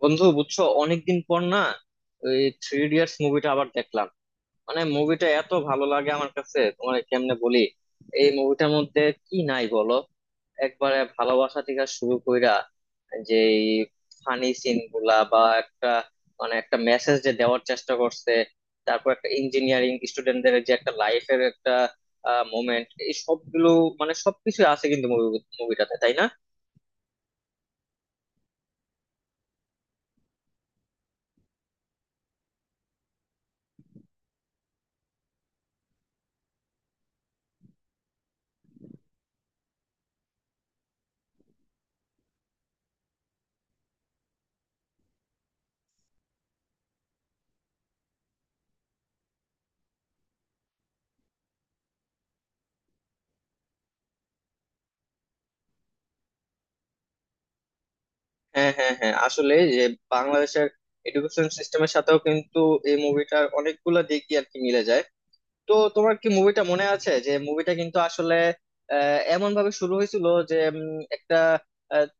বন্ধু বুঝছো, অনেকদিন পর না? ওই থ্রি ইডিয়টস মুভিটা আবার দেখলাম। মানে মুভিটা এত ভালো লাগে আমার কাছে, তোমার কেমনে বলি। এই মুভিটার মধ্যে কি নাই বলো? একবারে ভালোবাসা থেকে শুরু কইরা, যে ফানি সিন গুলা, বা একটা মানে একটা মেসেজ যে দেওয়ার চেষ্টা করছে, তারপর একটা ইঞ্জিনিয়ারিং স্টুডেন্টদের যে একটা লাইফের একটা মোমেন্ট, এই সবগুলো মানে সবকিছু আছে কিন্তু মুভিটাতে, তাই না? হ্যাঁ হ্যাঁ হ্যাঁ, আসলে যে বাংলাদেশের এডুকেশন সিস্টেমের সাথেও কিন্তু এই মুভিটার অনেকগুলো দিকই আর কি মিলে যায়। তো তোমার কি মুভিটা মনে আছে, যে মুভিটা কিন্তু আসলে এমন ভাবে শুরু হয়েছিল যে একটা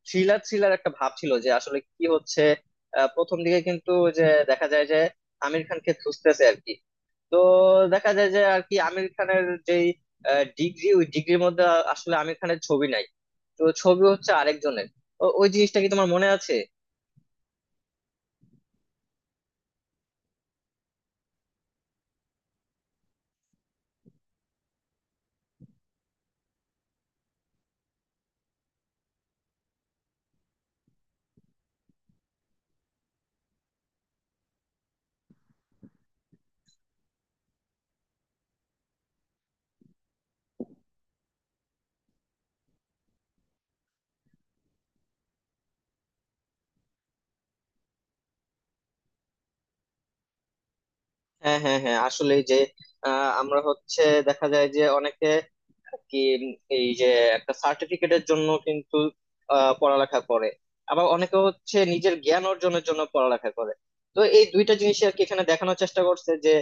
থ্রিলার থ্রিলার একটা ভাব ছিল যে আসলে কি হচ্ছে। প্রথম দিকে কিন্তু যে দেখা যায় যে আমির খানকে খুঁজতেছে আর কি। তো দেখা যায় যে আর কি আমির খানের যেই ডিগ্রি, ওই ডিগ্রির মধ্যে আসলে আমির খানের ছবি নাই, তো ছবি হচ্ছে আরেকজনের। ওই জিনিসটা কি তোমার মনে আছে? হ্যাঁ হ্যাঁ হ্যাঁ, আসলে যে আমরা হচ্ছে দেখা যায় যে অনেকে কি এই যে একটা সার্টিফিকেটের জন্য কিন্তু পড়ালেখা করে, আবার অনেকে হচ্ছে নিজের জ্ঞান অর্জনের জন্য পড়ালেখা করে। তো এই দুইটা জিনিস আর কি এখানে দেখানোর চেষ্টা করছে যে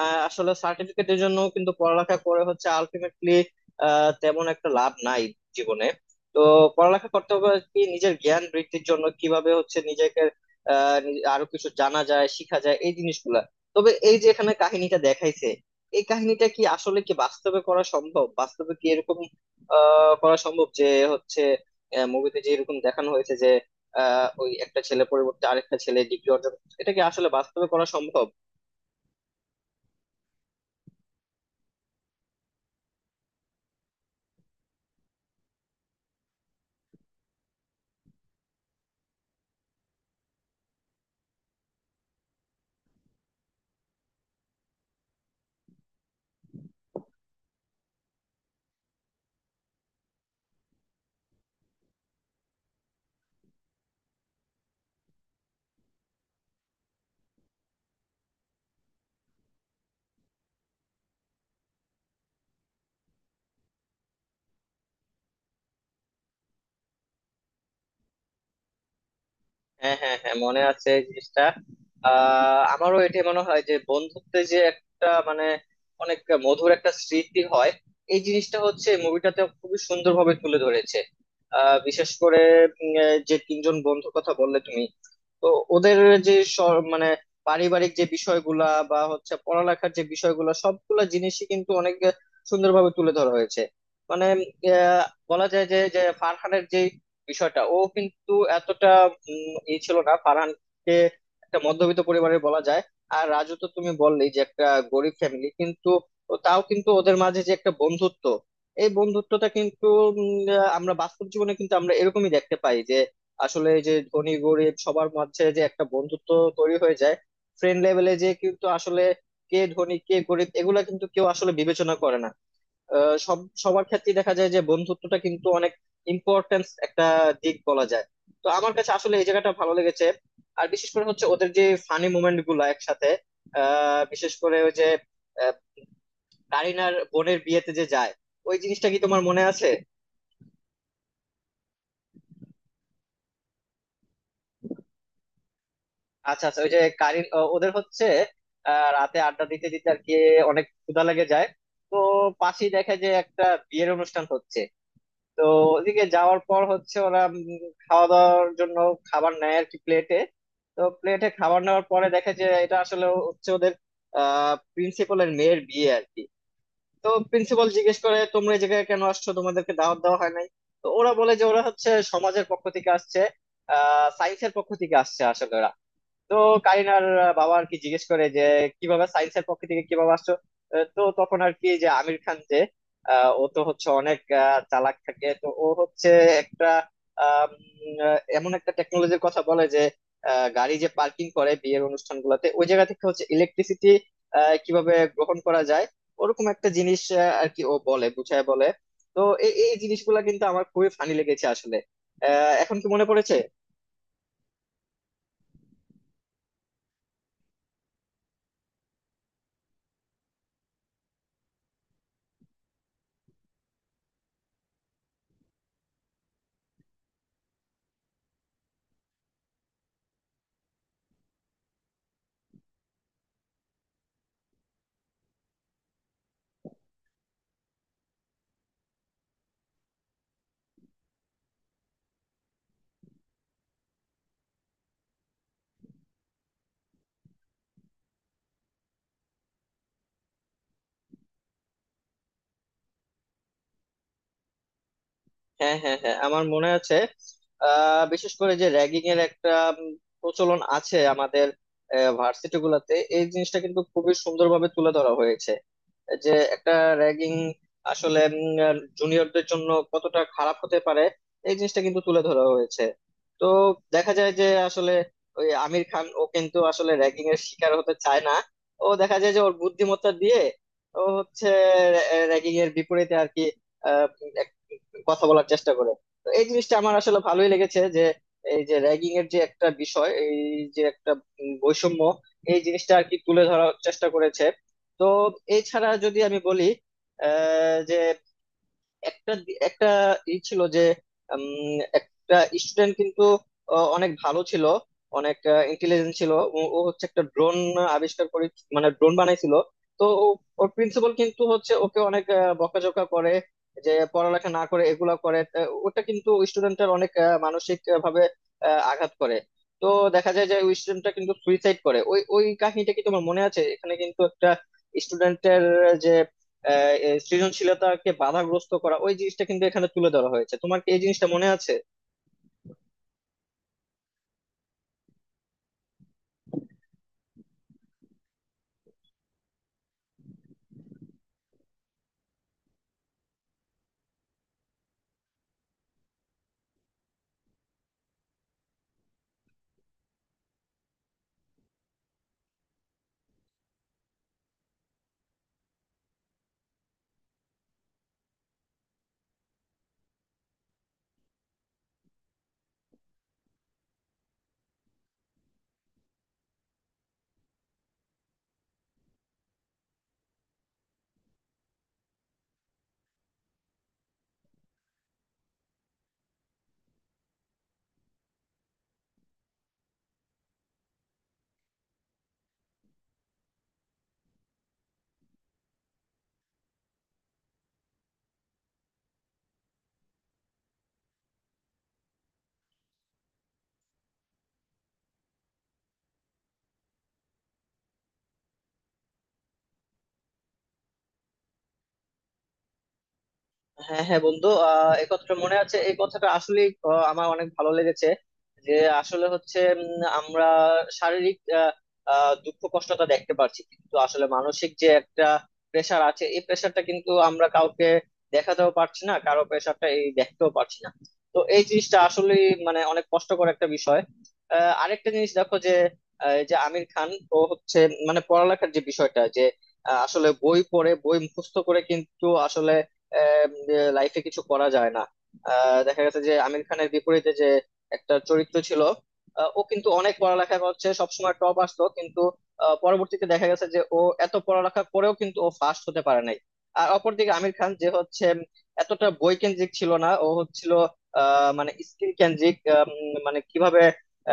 আসলে সার্টিফিকেটের জন্য কিন্তু পড়ালেখা করে হচ্ছে আলটিমেটলি তেমন একটা লাভ নাই জীবনে। তো পড়ালেখা করতে হবে কি নিজের জ্ঞান বৃদ্ধির জন্য, কিভাবে হচ্ছে নিজেকে আরো কিছু জানা যায় শিখা যায় এই জিনিসগুলা। তবে এই যে এখানে কাহিনীটা দেখাইছে, এই কাহিনীটা কি আসলে কি বাস্তবে করা সম্ভব? বাস্তবে কি এরকম করা সম্ভব যে হচ্ছে মুভিতে যে এরকম দেখানো হয়েছে যে ওই একটা ছেলে পরিবর্তে আরেকটা ছেলে ডিগ্রি অর্জন করছে, এটা কি আসলে বাস্তবে করা সম্ভব? হ্যাঁ হ্যাঁ হ্যাঁ, মনে আছে এই জিনিসটা। আমারও এটা মনে হয় যে বন্ধুত্বে যে একটা মানে অনেক মধুর একটা স্মৃতি হয়, এই জিনিসটা হচ্ছে মুভিটাতে খুবই সুন্দরভাবে তুলে ধরেছে। বিশেষ করে যে তিনজন বন্ধুর কথা বললে তুমি, তো ওদের যে মানে পারিবারিক যে বিষয়গুলা বা হচ্ছে পড়ালেখার যে বিষয়গুলা সবগুলা জিনিসই কিন্তু অনেক সুন্দরভাবে তুলে ধরা হয়েছে। মানে আহ, বলা যায় যে যে ফারহানের যে বিষয়টা, ও কিন্তু এতটা ই ছিল না, ফারহানকে একটা মধ্যবিত্ত পরিবারের বলা যায়। আর রাজু তো তুমি বললেই যে একটা গরিব ফ্যামিলি, কিন্তু তাও কিন্তু ওদের মাঝে যে একটা বন্ধুত্ব, এই বন্ধুত্বটা কিন্তু আমরা বাস্তব জীবনে কিন্তু আমরা এরকমই দেখতে পাই যে আসলে এই যে ধনী গরিব সবার মাঝে যে একটা বন্ধুত্ব তৈরি হয়ে যায়। ফ্রেন্ড লেভেলে যে কিন্তু আসলে কে ধনী কে গরিব এগুলা কিন্তু কেউ আসলে বিবেচনা করে না। সবার ক্ষেত্রে দেখা যায় যে বন্ধুত্বটা কিন্তু অনেক ইম্পর্টেন্স একটা দিক বলা যায়। তো আমার কাছে আসলে এই জায়গাটা ভালো লেগেছে। আর বিশেষ করে হচ্ছে ওদের যে ফানি মোমেন্ট গুলা একসাথে, বিশেষ করে ওই যে আহ, কারিনার বোনের বিয়েতে যে যায়, ওই জিনিসটা কি তোমার মনে আছে? আচ্ছা আচ্ছা, ওই যে ওদের হচ্ছে রাতে আড্ডা দিতে দিতে আর কি অনেক ক্ষুধা লেগে যায়। তো পাশেই দেখে যে একটা বিয়ের অনুষ্ঠান হচ্ছে। তো ওদিকে যাওয়ার পর হচ্ছে ওরা খাওয়া দাওয়ার জন্য খাবার নেয় আর কি প্লেটে। তো প্লেটে খাবার নেওয়ার পরে দেখে যে এটা আসলে হচ্ছে ওদের প্রিন্সিপালের মেয়ের বিয়ে আর কি। তো প্রিন্সিপাল জিজ্ঞেস করে তোমরা এই জায়গায় কেন আসছো, তোমাদেরকে দাওয়াত দেওয়া হয় নাই। তো ওরা বলে যে ওরা হচ্ছে সমাজের পক্ষ থেকে আসছে, সায়েন্সের পক্ষ থেকে আসছে আসলে ওরা। তো কারিনার বাবা আর কি জিজ্ঞেস করে যে কিভাবে সায়েন্সের পক্ষ থেকে কিভাবে আসছো। তো তখন আর কি যে আমির খান যে ও তো হচ্ছে অনেক চালাক থাকে, তো ও হচ্ছে একটা আম, এমন একটা টেকনোলজির কথা বলে যে গাড়ি যে পার্কিং করে বিয়ের অনুষ্ঠান গুলাতে ওই জায়গা থেকে হচ্ছে ইলেকট্রিসিটি কিভাবে গ্রহণ করা যায়, ওরকম একটা জিনিস আর কি ও বলে বুঝায় বলে। তো এই এই জিনিসগুলা কিন্তু আমার খুবই ফানি লেগেছে আসলে। এখন কি মনে পড়েছে? হ্যাঁ হ্যাঁ হ্যাঁ, আমার মনে আছে। বিশেষ করে যে র্যাগিং এর একটা উম, প্রচলন আছে আমাদের ভার্সিটি গুলাতে, এই জিনিসটা কিন্তু খুবই সুন্দরভাবে তুলে ধরা হয়েছে যে একটা র্যাগিং আসলে জুনিয়রদের জন্য কতটা খারাপ হতে পারে, এই জিনিসটা কিন্তু তুলে ধরা হয়েছে। তো দেখা যায় যে আসলে ওই আমির খান ও কিন্তু আসলে র্যাগিং এর শিকার হতে চায় না। ও দেখা যায় যে ওর বুদ্ধিমত্তা দিয়ে ও হচ্ছে র্যাগিং এর বিপরীতে আর কি আহ, এক- কথা বলার চেষ্টা করে। তো এই জিনিসটা আমার আসলে ভালোই লেগেছে যে এই যে র্যাগিং এর যে একটা বিষয়, এই যে একটা বৈষম্য, এই জিনিসটা আর কি তুলে ধরার চেষ্টা করেছে। তো এছাড়া যদি আমি বলি যে একটা একটা ই ছিল যে একটা স্টুডেন্ট কিন্তু ও অনেক ভালো ছিল, অনেক ইন্টেলিজেন্ট ছিল। ও ও হচ্ছে একটা ড্রোন আবিষ্কার করে, মানে ড্রোন বানাইছিল। তো ওর প্রিন্সিপাল কিন্তু হচ্ছে ওকে অনেক বকাঝকা করে যে পড়ালেখা না করে এগুলা করে। ওটা কিন্তু স্টুডেন্টের অনেক মানসিক ভাবে আঘাত করে। তো দেখা যায় যে ওই স্টুডেন্টটা কিন্তু সুইসাইড করে। ওই ওই কাহিনীটা কি তোমার মনে আছে? এখানে কিন্তু একটা স্টুডেন্টের যে আহ, এ সৃজনশীলতাকে বাধাগ্রস্ত করা, ওই জিনিসটা কিন্তু এখানে তুলে ধরা হয়েছে। তোমার কি এই জিনিসটা মনে আছে? হ্যাঁ হ্যাঁ বন্ধু, একথা মনে আছে। এই কথাটা আসলে আমার অনেক ভালো লেগেছে যে আসলে হচ্ছে আমরা শারীরিক আহ, আহ, দুঃখ কষ্টটা দেখতে পারছি কিন্তু আসলে মানসিক যে একটা প্রেশার আছে, এই প্রেশারটা কিন্তু আমরা কাউকে দেখাতেও পারছি না, কারো প্রেশারটা এই দেখতেও পারছি না। তো এই জিনিসটা আসলে মানে অনেক কষ্টকর একটা বিষয়। আরেকটা জিনিস দেখো যে এই যে আমির খান ও হচ্ছে মানে পড়ালেখার যে বিষয়টা যে আসলে বই পড়ে বই মুখস্থ করে কিন্তু আসলে লাইফে কিছু করা যায় না। দেখা গেছে যে আমির খানের বিপরীতে যে একটা চরিত্র ছিল, ও কিন্তু অনেক পড়ালেখা করছে, সবসময় টপ আসতো, কিন্তু পরবর্তীতে দেখা গেছে যে ও এত পড়ালেখা করেও কিন্তু ও ফার্স্ট হতে পারে নাই। আর অপরদিকে আমির খান যে হচ্ছে এতটা বই কেন্দ্রিক ছিল না, ও হচ্ছিল মানে স্কিল কেন্দ্রিক। মানে কিভাবে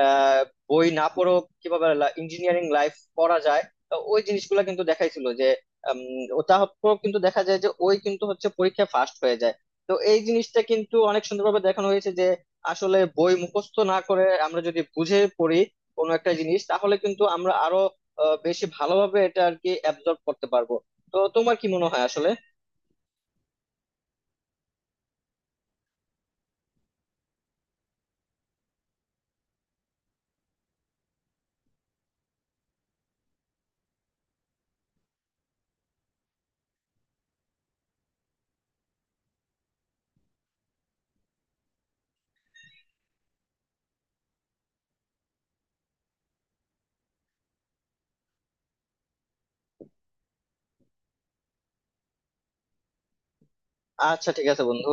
আহ, বই না পড়েও কিভাবে ইঞ্জিনিয়ারিং লাইফ পড়া যায়, তো ওই জিনিসগুলো কিন্তু দেখাইছিল যে ও তারপর কিন্তু দেখা যায় যে ওই কিন্তু হচ্ছে পরীক্ষায় ফার্স্ট হয়ে যায়। তো এই জিনিসটা কিন্তু অনেক সুন্দরভাবে দেখানো হয়েছে যে আসলে বই মুখস্থ না করে আমরা যদি বুঝে পড়ি কোনো একটা জিনিস, তাহলে কিন্তু আমরা আরো বেশি ভালোভাবে এটা আর কি অ্যাবজর্ব করতে পারবো। তো তোমার কি মনে হয় আসলে? আচ্ছা ঠিক আছে বন্ধু।